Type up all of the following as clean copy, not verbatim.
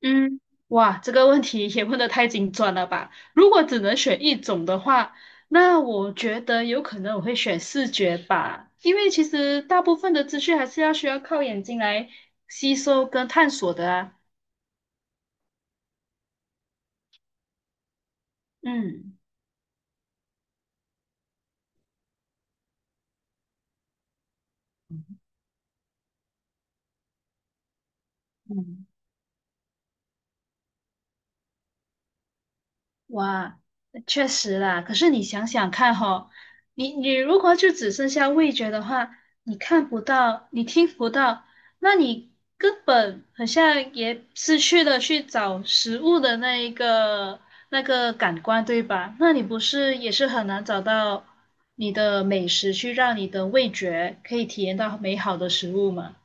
嗯，哇，这个问题也问得太精准了吧？如果只能选一种的话，那我觉得有可能我会选视觉吧，因为其实大部分的资讯还是要需要靠眼睛来吸收跟探索的啊。嗯。嗯哇，确实啦。可是你想想看吼，你如果就只剩下味觉的话，你看不到，你听不到，那你根本好像也失去了去找食物的那个感官，对吧？那你不是也是很难找到你的美食去让你的味觉可以体验到美好的食物吗？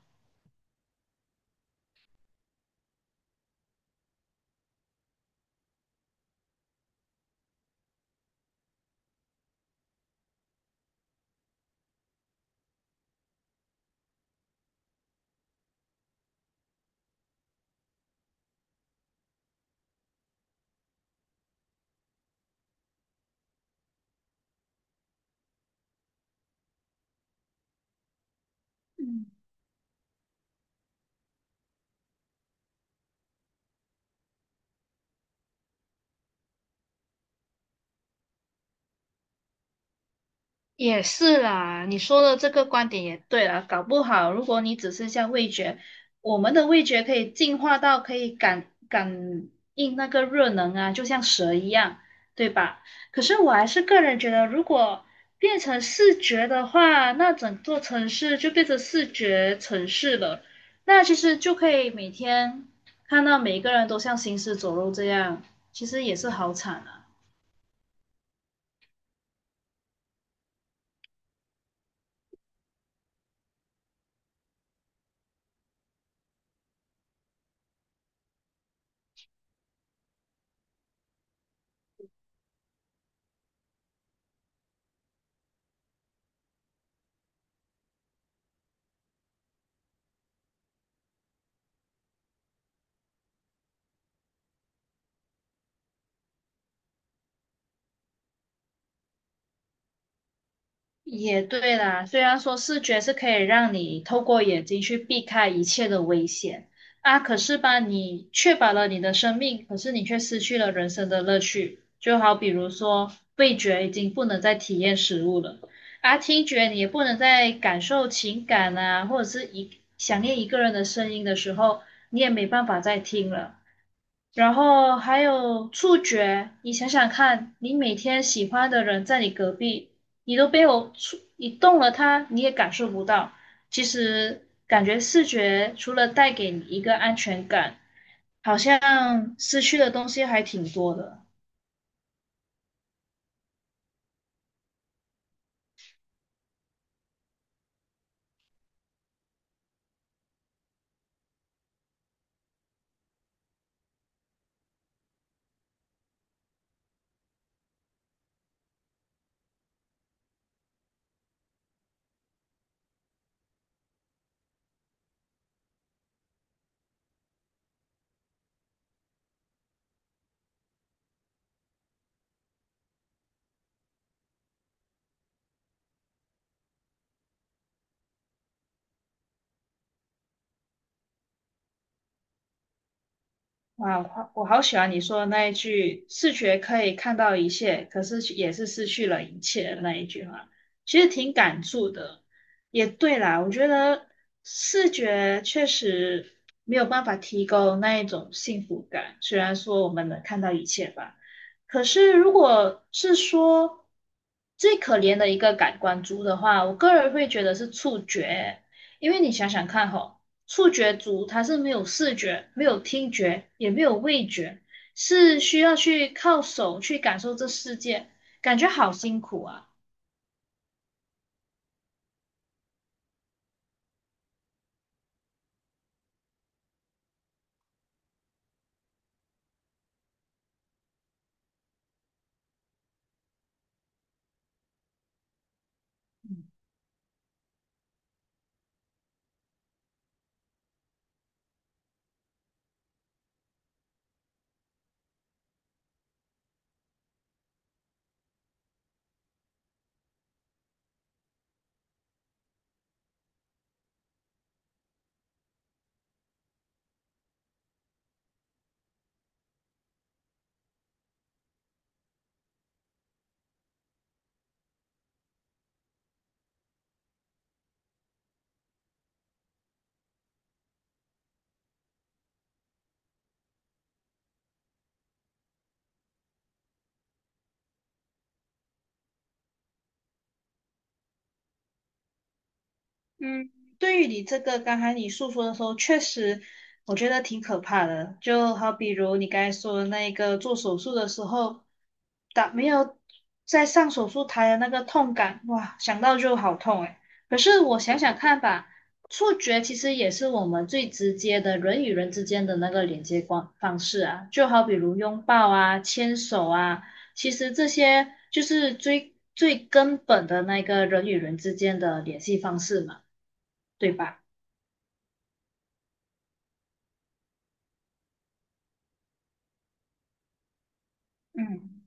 也是啦，你说的这个观点也对啦，搞不好如果你只剩下味觉，我们的味觉可以进化到可以感应那个热能啊，就像蛇一样，对吧？可是我还是个人觉得，如果变成视觉的话，那整座城市就变成视觉城市了。那其实就可以每天看到每一个人都像行尸走肉这样，其实也是好惨啊。也对啦，虽然说视觉是可以让你透过眼睛去避开一切的危险啊，可是吧，你确保了你的生命，可是你却失去了人生的乐趣。就好比如说，味觉已经不能再体验食物了，啊，听觉你也不能再感受情感啊，或者是想念一个人的声音的时候，你也没办法再听了。然后还有触觉，你想想看，你每天喜欢的人在你隔壁，你都没有触，你动了他，你也感受不到。其实感觉视觉除了带给你一个安全感，好像失去的东西还挺多的。哇，我好喜欢你说的那一句“视觉可以看到一切，可是也是失去了一切”的那一句话，其实挺感触的。也对啦，我觉得视觉确实没有办法提供那一种幸福感，虽然说我们能看到一切吧，可是如果是说最可怜的一个感官猪的话，我个人会觉得是触觉，因为你想想看吼。触觉族它是没有视觉、没有听觉、也没有味觉，是需要去靠手去感受这世界，感觉好辛苦啊。嗯，对于你这个刚才你诉说的时候，确实我觉得挺可怕的。就好比如你刚才说的那个做手术的时候，打没有在上手术台的那个痛感，哇，想到就好痛诶。可是我想想看吧，触觉其实也是我们最直接的人与人之间的那个连接方式啊，就好比如拥抱啊、牵手啊。其实这些就是最最根本的那个人与人之间的联系方式嘛。对吧？嗯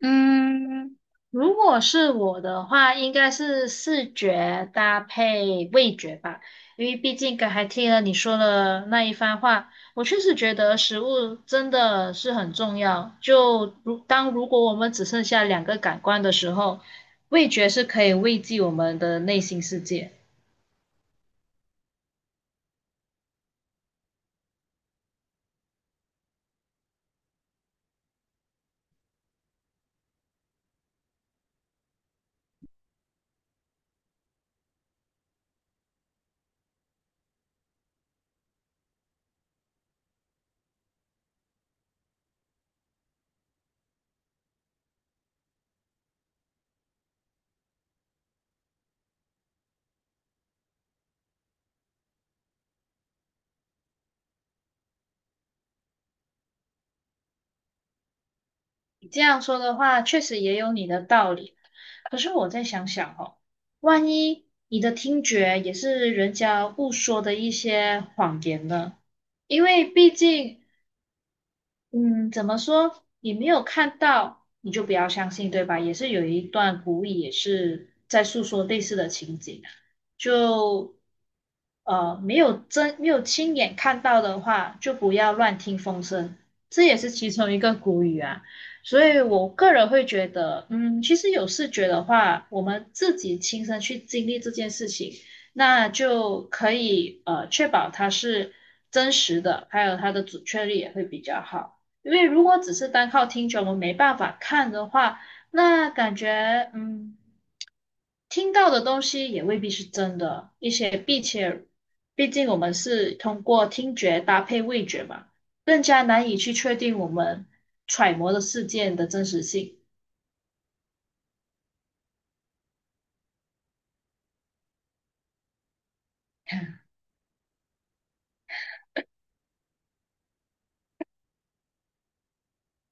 嗯，如果是我的话，应该是视觉搭配味觉吧，因为毕竟刚才听了你说的那一番话，我确实觉得食物真的是很重要。就如当如果我们只剩下两个感官的时候，味觉是可以慰藉我们的内心世界。你这样说的话，确实也有你的道理。可是我再想想哦，万一你的听觉也是人家误说的一些谎言呢？因为毕竟嗯，怎么说？你没有看到，你就不要相信，对吧？也是有一段古语，也是在诉说类似的情景啊就没有没有亲眼看到的话，就不要乱听风声，这也是其中一个古语啊。所以我个人会觉得，嗯，其实有视觉的话，我们自己亲身去经历这件事情，那就可以确保它是真实的，还有它的准确率也会比较好。因为如果只是单靠听觉，我们没办法看的话，那感觉嗯，听到的东西也未必是真的，一些并且，毕竟我们是通过听觉搭配味觉嘛，更加难以去确定我们揣摩的事件的真实性。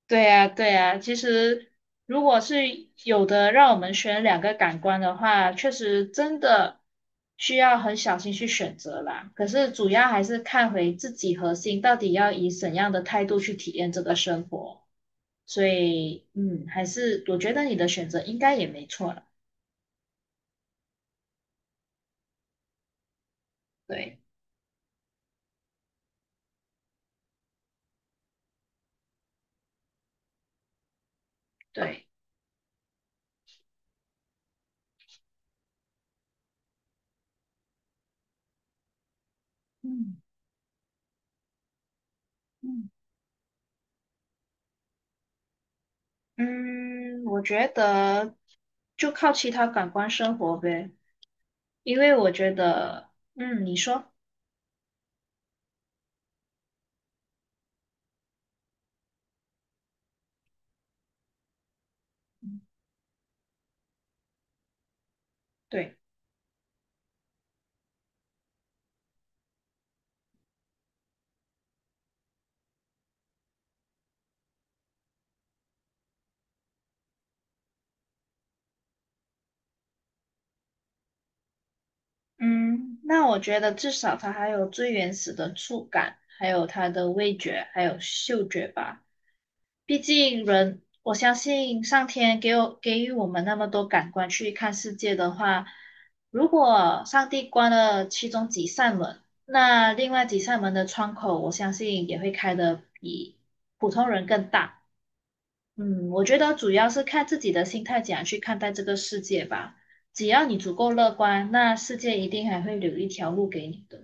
对呀，对呀，其实如果是有的让我们选两个感官的话，确实真的需要很小心去选择啦。可是主要还是看回自己核心到底要以怎样的态度去体验这个生活。所以，嗯，还是我觉得你的选择应该也没错了。对，对。嗯嗯，嗯，我觉得就靠其他感官生活呗，因为我觉得，嗯，你说，对。嗯，那我觉得至少它还有最原始的触感，还有它的味觉，还有嗅觉吧。毕竟人，我相信上天给我给予我们那么多感官去看世界的话，如果上帝关了其中几扇门，那另外几扇门的窗口，我相信也会开的比普通人更大。嗯，我觉得主要是看自己的心态怎样去看待这个世界吧。只要你足够乐观，那世界一定还会留一条路给你的。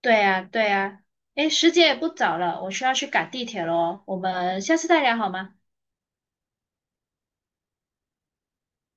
对啊，对啊。诶，时间也不早了，我需要去赶地铁了哦，我们下次再聊好吗？